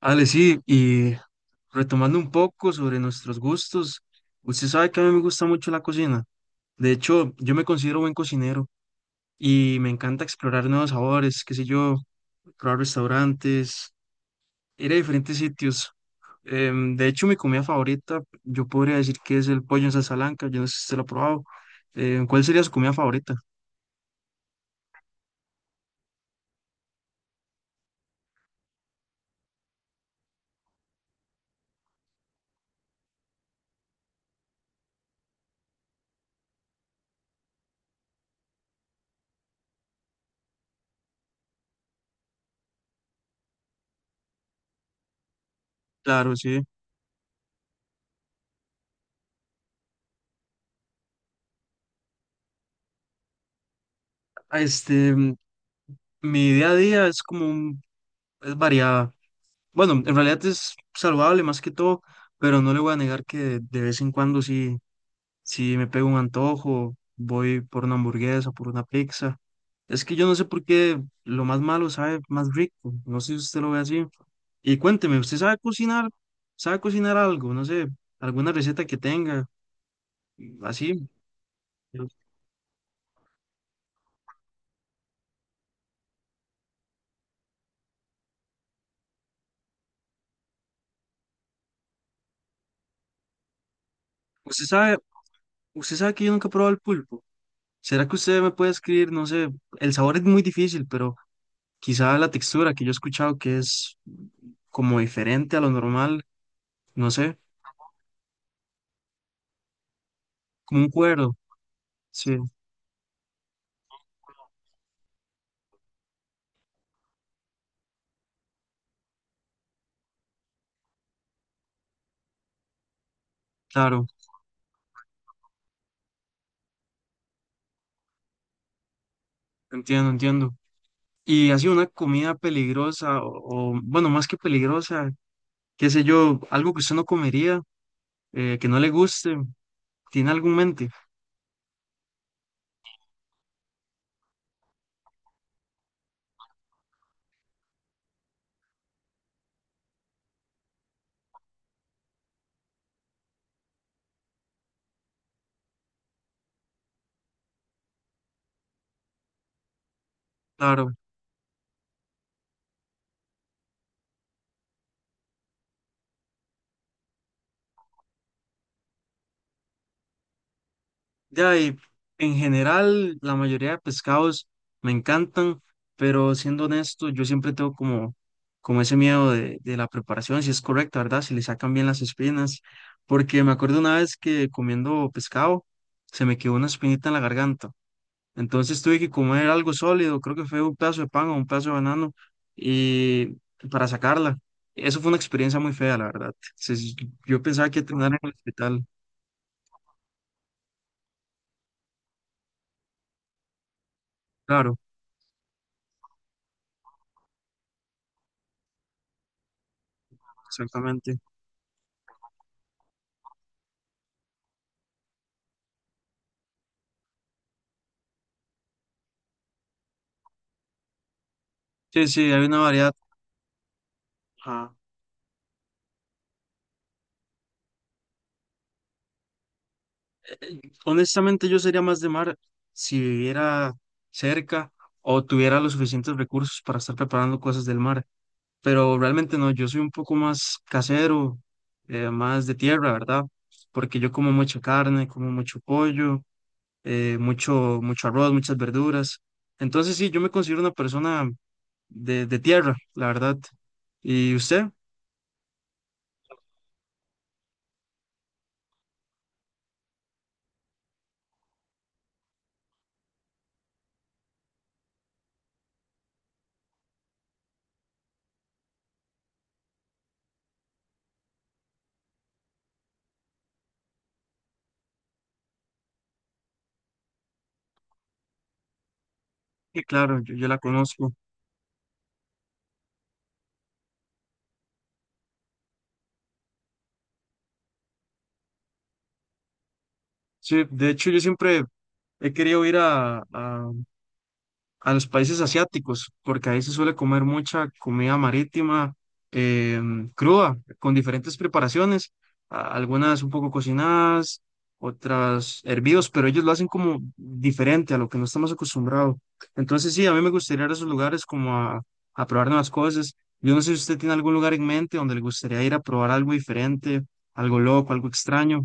Ale, sí, y retomando un poco sobre nuestros gustos, usted sabe que a mí me gusta mucho la cocina. De hecho, yo me considero buen cocinero y me encanta explorar nuevos sabores, qué sé yo, probar restaurantes, ir a diferentes sitios. De hecho, mi comida favorita, yo podría decir que es el pollo en salsa blanca, yo no sé si usted lo ha probado. ¿Cuál sería su comida favorita? Claro, sí. Este, mi día a día es como es variada. Bueno, en realidad es saludable más que todo, pero no le voy a negar que de vez en cuando sí, sí me pego un antojo, voy por una hamburguesa, por una pizza. Es que yo no sé por qué lo más malo sabe más rico, no sé si usted lo ve así. Y cuénteme, ¿usted sabe cocinar? ¿Sabe cocinar algo? No sé, alguna receta que tenga, así. ¿Usted sabe, usted sabe que yo nunca he probado el pulpo? ¿Será que usted me puede escribir? No sé, el sabor es muy difícil, pero quizá la textura que yo he escuchado que es como diferente a lo normal, no sé, como un cuero. Sí, claro, entiendo, entiendo. Y así una comida peligrosa o bueno, más que peligrosa, qué sé yo, algo que usted no comería, que no le guste, ¿tiene algo en mente? Claro. Ya, y en general, la mayoría de pescados me encantan, pero siendo honesto, yo siempre tengo como, como ese miedo de la preparación, si es correcta, ¿verdad? Si le sacan bien las espinas, porque me acuerdo una vez que comiendo pescado se me quedó una espinita en la garganta, entonces tuve que comer algo sólido, creo que fue un pedazo de pan o un pedazo de banano, y para sacarla. Eso fue una experiencia muy fea, la verdad. Yo pensaba que iba a terminar en el hospital, claro, exactamente. Sí, sí, hay una variedad. Ajá. Eh, honestamente, yo sería más de mar si viviera cerca o tuviera los suficientes recursos para estar preparando cosas del mar. Pero realmente no, yo soy un poco más casero, más de tierra, ¿verdad? Porque yo como mucha carne, como mucho pollo, mucho arroz, muchas verduras. Entonces sí, yo me considero una persona de tierra, la verdad. ¿Y usted? Sí, claro, yo la conozco. Sí, de hecho yo siempre he querido ir a los países asiáticos, porque ahí se suele comer mucha comida marítima, cruda, con diferentes preparaciones, algunas un poco cocinadas, otras hervidos, pero ellos lo hacen como diferente a lo que no estamos acostumbrados. Entonces sí, a mí me gustaría ir a esos lugares como a probar nuevas cosas. Yo no sé si usted tiene algún lugar en mente donde le gustaría ir a probar algo diferente, algo loco, algo extraño.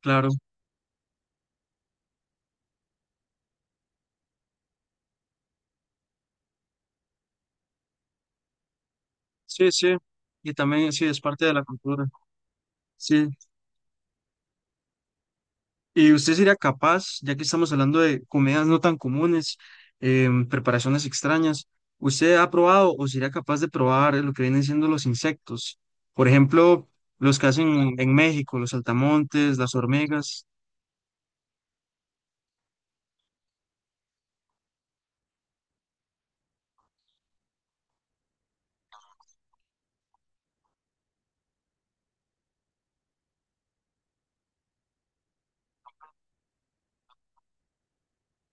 Claro, sí, sí. Y también sí, es parte de la cultura. Sí. ¿Y usted sería capaz, ya que estamos hablando de comidas no tan comunes, preparaciones extrañas, usted ha probado o sería capaz de probar lo que vienen siendo los insectos? Por ejemplo, los que hacen en México, los saltamontes, las hormigas.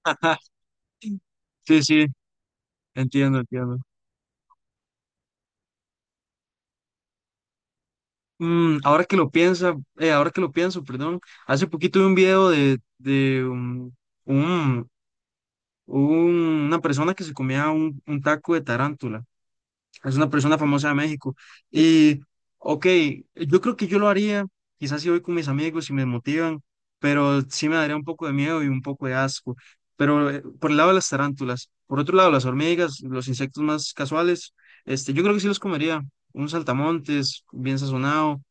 Sí, sí, entiendo, entiendo. Mm, ahora que lo piensa, ahora que lo pienso, perdón, hace poquito vi un video de un- una persona que se comía un taco de tarántula. Es una persona famosa de México. Y, ok, yo creo que yo lo haría, quizás si voy con mis amigos y me motivan, pero sí me daría un poco de miedo y un poco de asco. Pero por el lado de las tarántulas, por otro lado, las hormigas, los insectos más casuales, yo creo que sí los comería. Un saltamontes bien sazonado,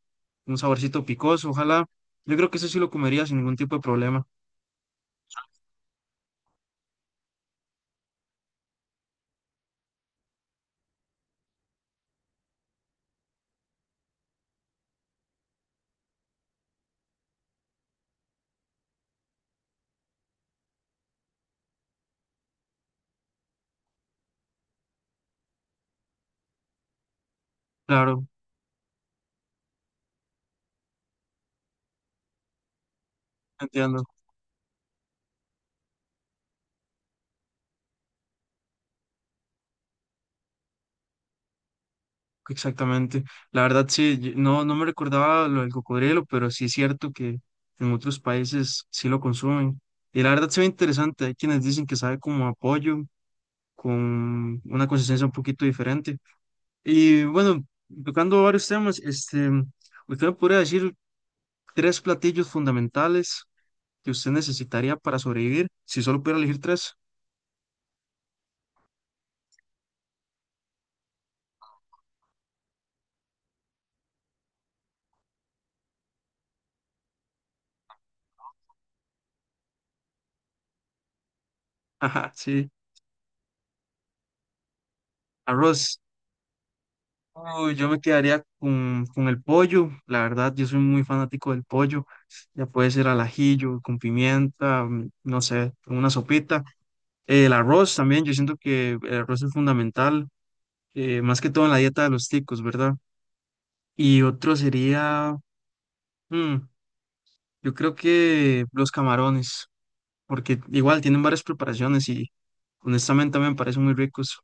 un saborcito picoso, ojalá. Yo creo que eso sí lo comería sin ningún tipo de problema. Claro, entiendo. Exactamente. La verdad, sí, no, no me recordaba lo del cocodrilo, pero sí es cierto que en otros países sí lo consumen. Y la verdad se ve interesante. Hay quienes dicen que sabe como a pollo, con una consistencia un poquito diferente. Y bueno, tocando varios temas, usted me podría decir tres platillos fundamentales que usted necesitaría para sobrevivir, si solo pudiera elegir tres. Ajá, sí. Arroz, uy, yo me quedaría con el pollo, la verdad, yo soy muy fanático del pollo, ya puede ser al ajillo, con pimienta, mm, no sé, con una sopita. El arroz también, yo siento que el arroz es fundamental, más que todo en la dieta de los ticos, ¿verdad? Y otro sería, mm, yo creo que los camarones, porque igual tienen varias preparaciones y honestamente me parecen muy ricos,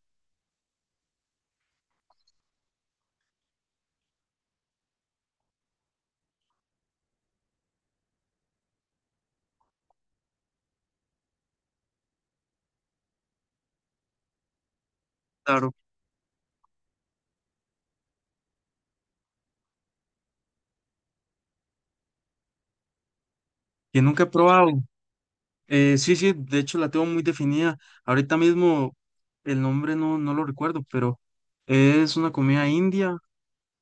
claro, que nunca he probado. Sí, sí, de hecho la tengo muy definida. Ahorita mismo el nombre no, no lo recuerdo, pero es una comida india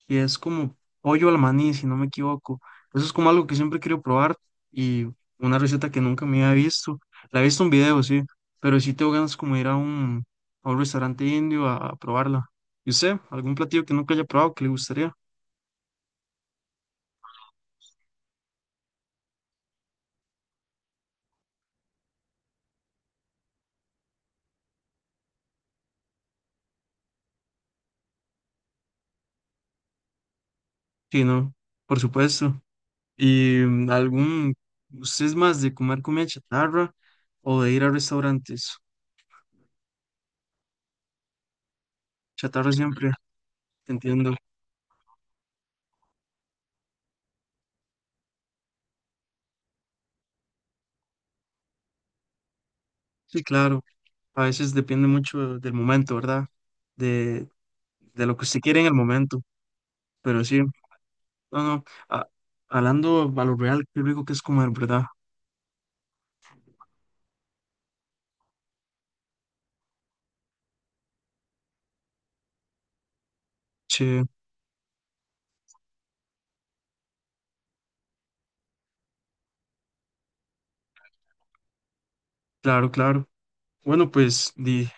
que es como pollo al maní, si no me equivoco. Eso es como algo que siempre quiero probar y una receta que nunca me había visto. La he visto en video, sí, pero sí tengo ganas como de ir a a un restaurante indio a probarla. ¿Y usted? ¿Algún platillo que nunca haya probado que le gustaría? Sí, no, por supuesto. Y mm, algún, ¿usted es más de comer comida chatarra o de ir a restaurantes? Chatarra siempre, te entiendo. Sí, claro. A veces depende mucho del momento, ¿verdad? De, de lo que usted quiere en el momento. Pero sí, no, no. a- Hablando a lo real, qué rico que es comer, ¿verdad? Che, claro, claro. Bueno, pues, di,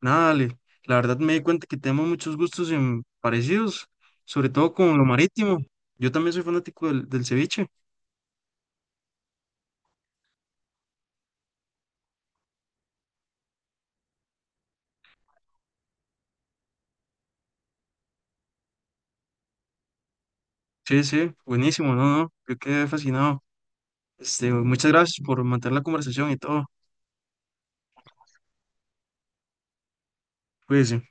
nada, Ale, la verdad me di cuenta que tenemos muchos gustos parecidos, sobre todo con lo marítimo. Yo también soy fanático del ceviche. Sí, sí, buenísimo, no, no, yo quedé fascinado. Muchas gracias por mantener la conversación y todo. Cuídense.